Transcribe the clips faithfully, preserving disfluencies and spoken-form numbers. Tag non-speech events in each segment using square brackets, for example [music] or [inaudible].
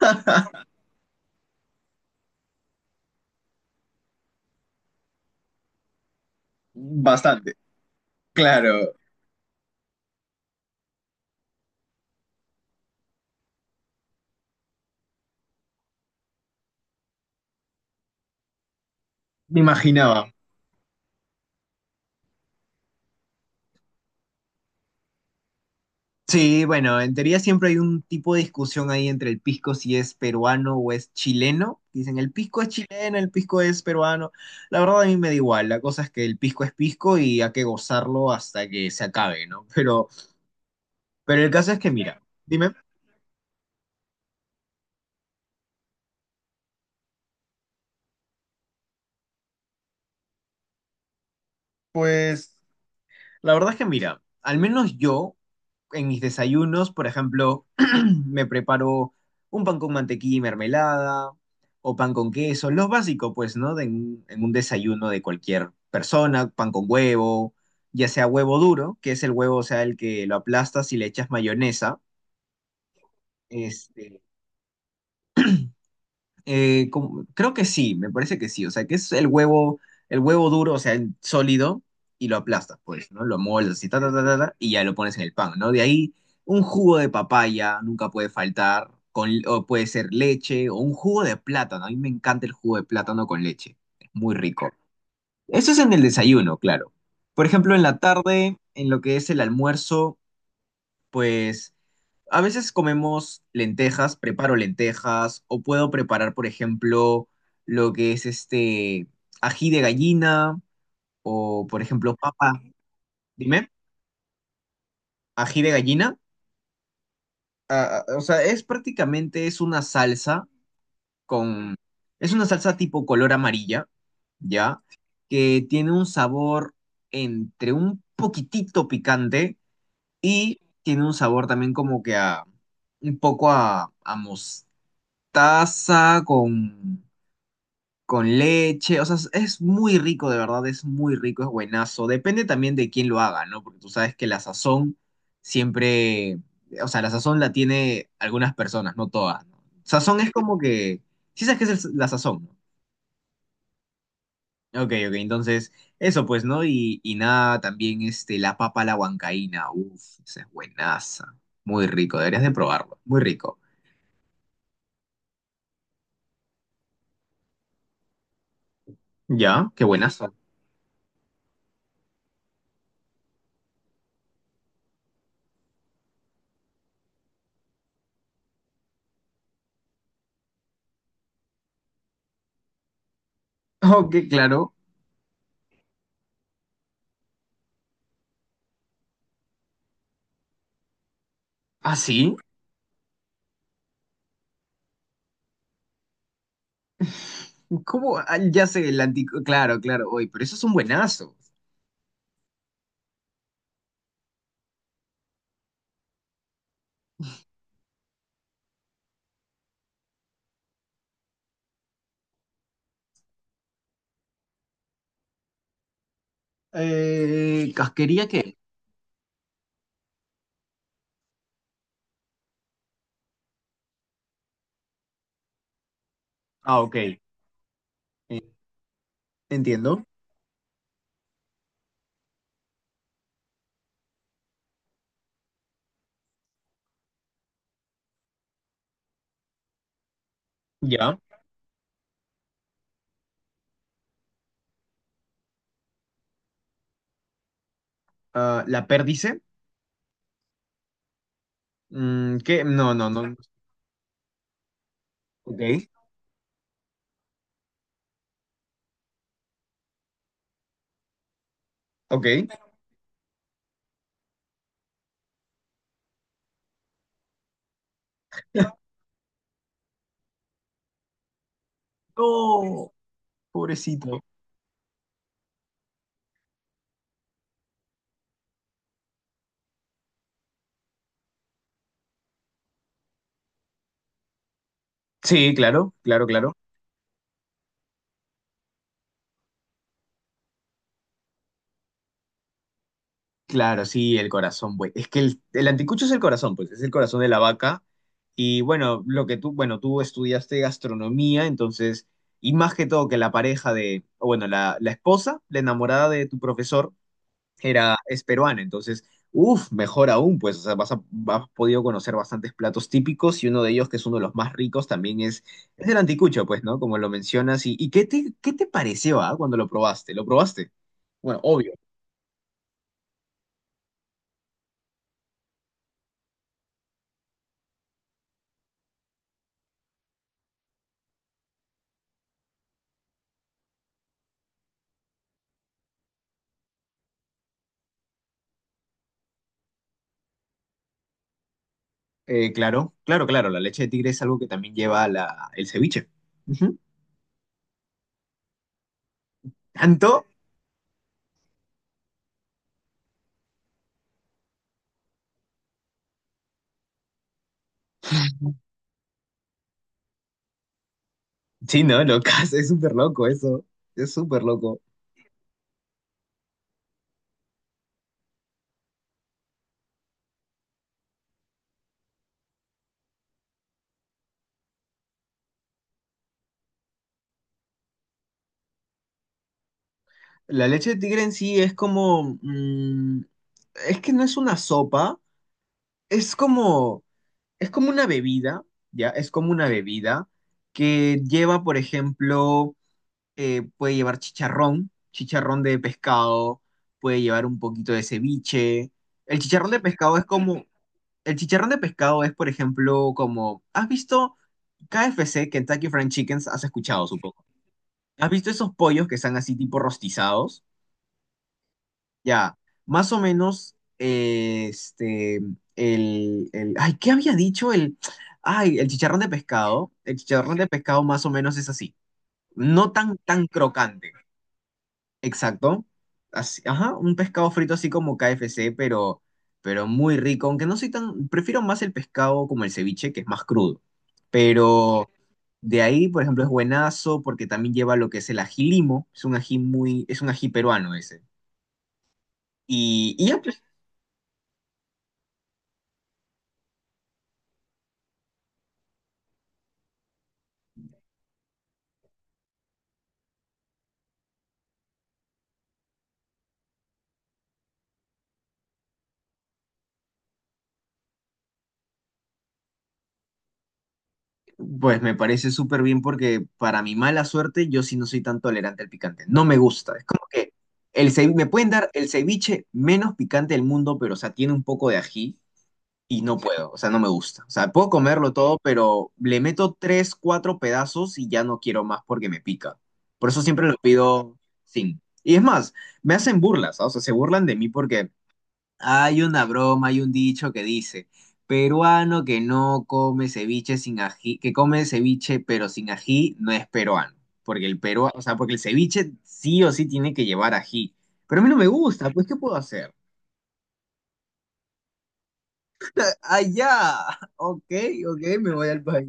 [laughs] Bastante, claro, me imaginaba. Sí, bueno, en teoría siempre hay un tipo de discusión ahí entre el pisco si es peruano o es chileno. Dicen, el pisco es chileno, el pisco es peruano. La verdad a mí me da igual, la cosa es que el pisco es pisco y hay que gozarlo hasta que se acabe, ¿no? Pero, pero el caso es que, mira, dime. Pues la verdad es que mira, al menos yo en mis desayunos, por ejemplo, [clears throat] me preparo un pan con mantequilla y mermelada o pan con queso, los básicos, pues, ¿no? De un- en un desayuno de cualquier persona, pan con huevo, ya sea huevo duro, que es el huevo, o sea, el que lo aplastas y le echas mayonesa, este. Eh, como- creo que sí, me parece que sí. O sea, que es el huevo, el huevo duro, o sea, el sólido, y lo aplastas, pues, ¿no? Lo moldas así, ta, ta, ta, ta, ta, y ya lo pones en el pan, ¿no? De ahí, un jugo de papaya nunca puede faltar, con, o puede ser leche, o un jugo de plátano. A mí me encanta el jugo de plátano con leche. Es muy rico. Eso es en el desayuno, claro. Por ejemplo, en la tarde, en lo que es el almuerzo, pues. A veces comemos lentejas, preparo lentejas, o puedo preparar, por ejemplo, lo que es este ají de gallina, o por ejemplo, papa, dime, ají de gallina. Ah, ah, o sea, es prácticamente, es una salsa con, es una salsa tipo color amarilla, ¿ya? Que tiene un sabor entre un poquitito picante y tiene un sabor también como que a, un poco a, a mostaza con con leche, o sea, es es muy rico, de verdad, es muy rico, es buenazo. Depende también de quién lo haga, ¿no? Porque tú sabes que la sazón siempre, o sea, la sazón la tiene algunas personas, no todas, ¿no? Sazón es como que, sí sabes qué es el- la sazón, ¿no? Ok, ok, entonces, eso pues, ¿no? Y, y nada, también este, la papa a la huancaína, uff, esa es buenaza, muy rico, deberías de probarlo, muy rico. ¿Ya? Qué buenazo. Ok, claro. ¿Ah, sí? ¿Cómo? Ah, ya sé, el antico. Claro, claro, hoy, pero esos son buenazos. Eh, ¿casquería qué? Ah, ok. Eh, entiendo. Ya. Ah, ¿la perdice? Mm, ¿qué? No, no, no. Ok, ok. No, pobrecito. Sí, claro, claro, claro. Claro, sí, el corazón, pues. Es que el, el anticucho es el corazón, pues, es el corazón de la vaca. Y bueno, lo que tú, bueno, tú estudiaste gastronomía, entonces, y más que todo que la pareja de, o bueno, la, la esposa, la enamorada de tu profesor, era, es peruana, entonces, uff, mejor aún, pues, o sea, vas a- has podido conocer bastantes platos típicos y uno de ellos, que es uno de los más ricos, también es, es el anticucho, pues, ¿no? Como lo mencionas. ¿Y, y qué te, qué te pareció, ah, cuando lo probaste? ¿Lo probaste? Bueno, obvio. Eh, claro, claro, claro. La leche de tigre es algo que también lleva la, el ceviche. Ujú. Tanto. Sí, no, locas, es súper loco eso. Es súper loco. La leche de tigre en sí es como, mm, es que no es una sopa. Es como. Es como una bebida, ¿ya? Es como una bebida que lleva, por ejemplo, eh, puede llevar chicharrón, chicharrón de pescado, puede llevar un poquito de ceviche. El chicharrón de pescado es como. El chicharrón de pescado es, por ejemplo, como, ¿has visto K F C, Kentucky Fried Chickens? Has escuchado, supongo. ¿Has visto esos pollos que están así tipo rostizados? Ya, más o menos, eh, este, el, el, ay, ¿qué había dicho? El, ay, el chicharrón de pescado, el chicharrón de pescado más o menos es así, no tan, tan crocante. Exacto. Así- ajá, un pescado frito así como K F C, pero, pero muy rico. Aunque no soy tan. Prefiero más el pescado como el ceviche, que es más crudo. Pero de ahí, por ejemplo, es buenazo porque también lleva lo que es el ají limo. Es un ají muy. Es un ají peruano ese. Y, y ya, pues, pues me parece súper bien porque para mi mala suerte, yo sí no soy tan tolerante al picante. No me gusta. Es como que el ce- me pueden dar el ceviche menos picante del mundo, pero o sea, tiene un poco de ají. Y no puedo, o sea, no me gusta. O sea, puedo comerlo todo, pero le meto tres, cuatro pedazos y ya no quiero más porque me pica. Por eso siempre lo pido sin. Y es más, me hacen burlas, ¿ah? O sea, se burlan de mí porque hay una broma, hay un dicho que dice, peruano que no come ceviche sin ají, que come ceviche pero sin ají no es peruano. Porque el peruano, o sea, porque el ceviche sí o sí tiene que llevar ají. Pero a mí no me gusta, pues ¿qué puedo hacer? Allá, ok, ok, me voy al país.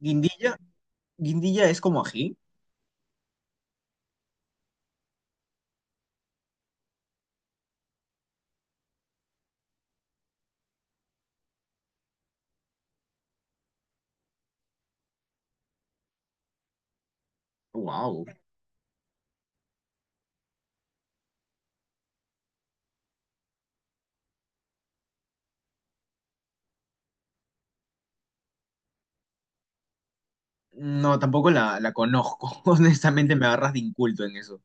Guindilla, guindilla es como ají. Wow. No, tampoco la, la conozco. [laughs] Honestamente, me agarras de inculto en eso.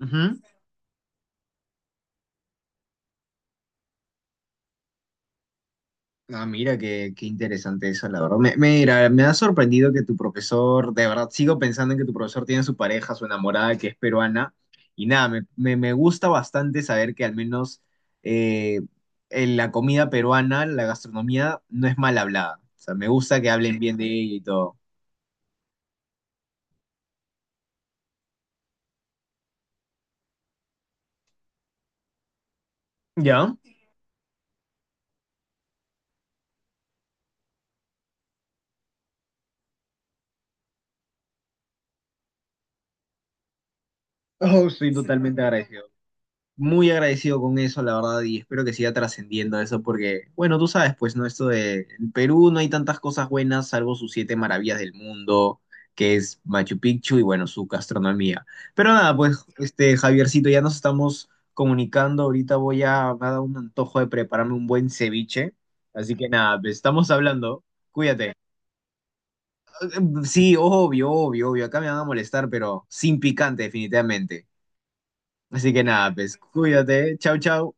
Ujú. Ah, mira, qué, qué interesante eso, la verdad. Me, mira, me ha sorprendido que tu profesor, de verdad, sigo pensando en que tu profesor tiene su pareja, su enamorada, que es peruana. Y nada, me, me- me gusta bastante saber que al menos eh, en la comida peruana, la gastronomía, no es mal hablada. O sea, me gusta que hablen bien de ella y todo. ¿Ya? Oh, estoy totalmente agradecido. Muy agradecido con eso, la verdad, y espero que siga trascendiendo eso, porque, bueno, tú sabes, pues, ¿no? Esto de en Perú no hay tantas cosas buenas, salvo sus siete maravillas del mundo, que es Machu Picchu y, bueno, su gastronomía. Pero nada, pues, este, Javiercito, ya nos estamos comunicando, ahorita voy a, me ha dado un antojo de prepararme un buen ceviche, así que nada, pues, estamos hablando, cuídate. Sí, obvio, obvio, obvio, acá me van a molestar, pero sin picante, definitivamente. Así que nada, pues, cuídate, chau, chau.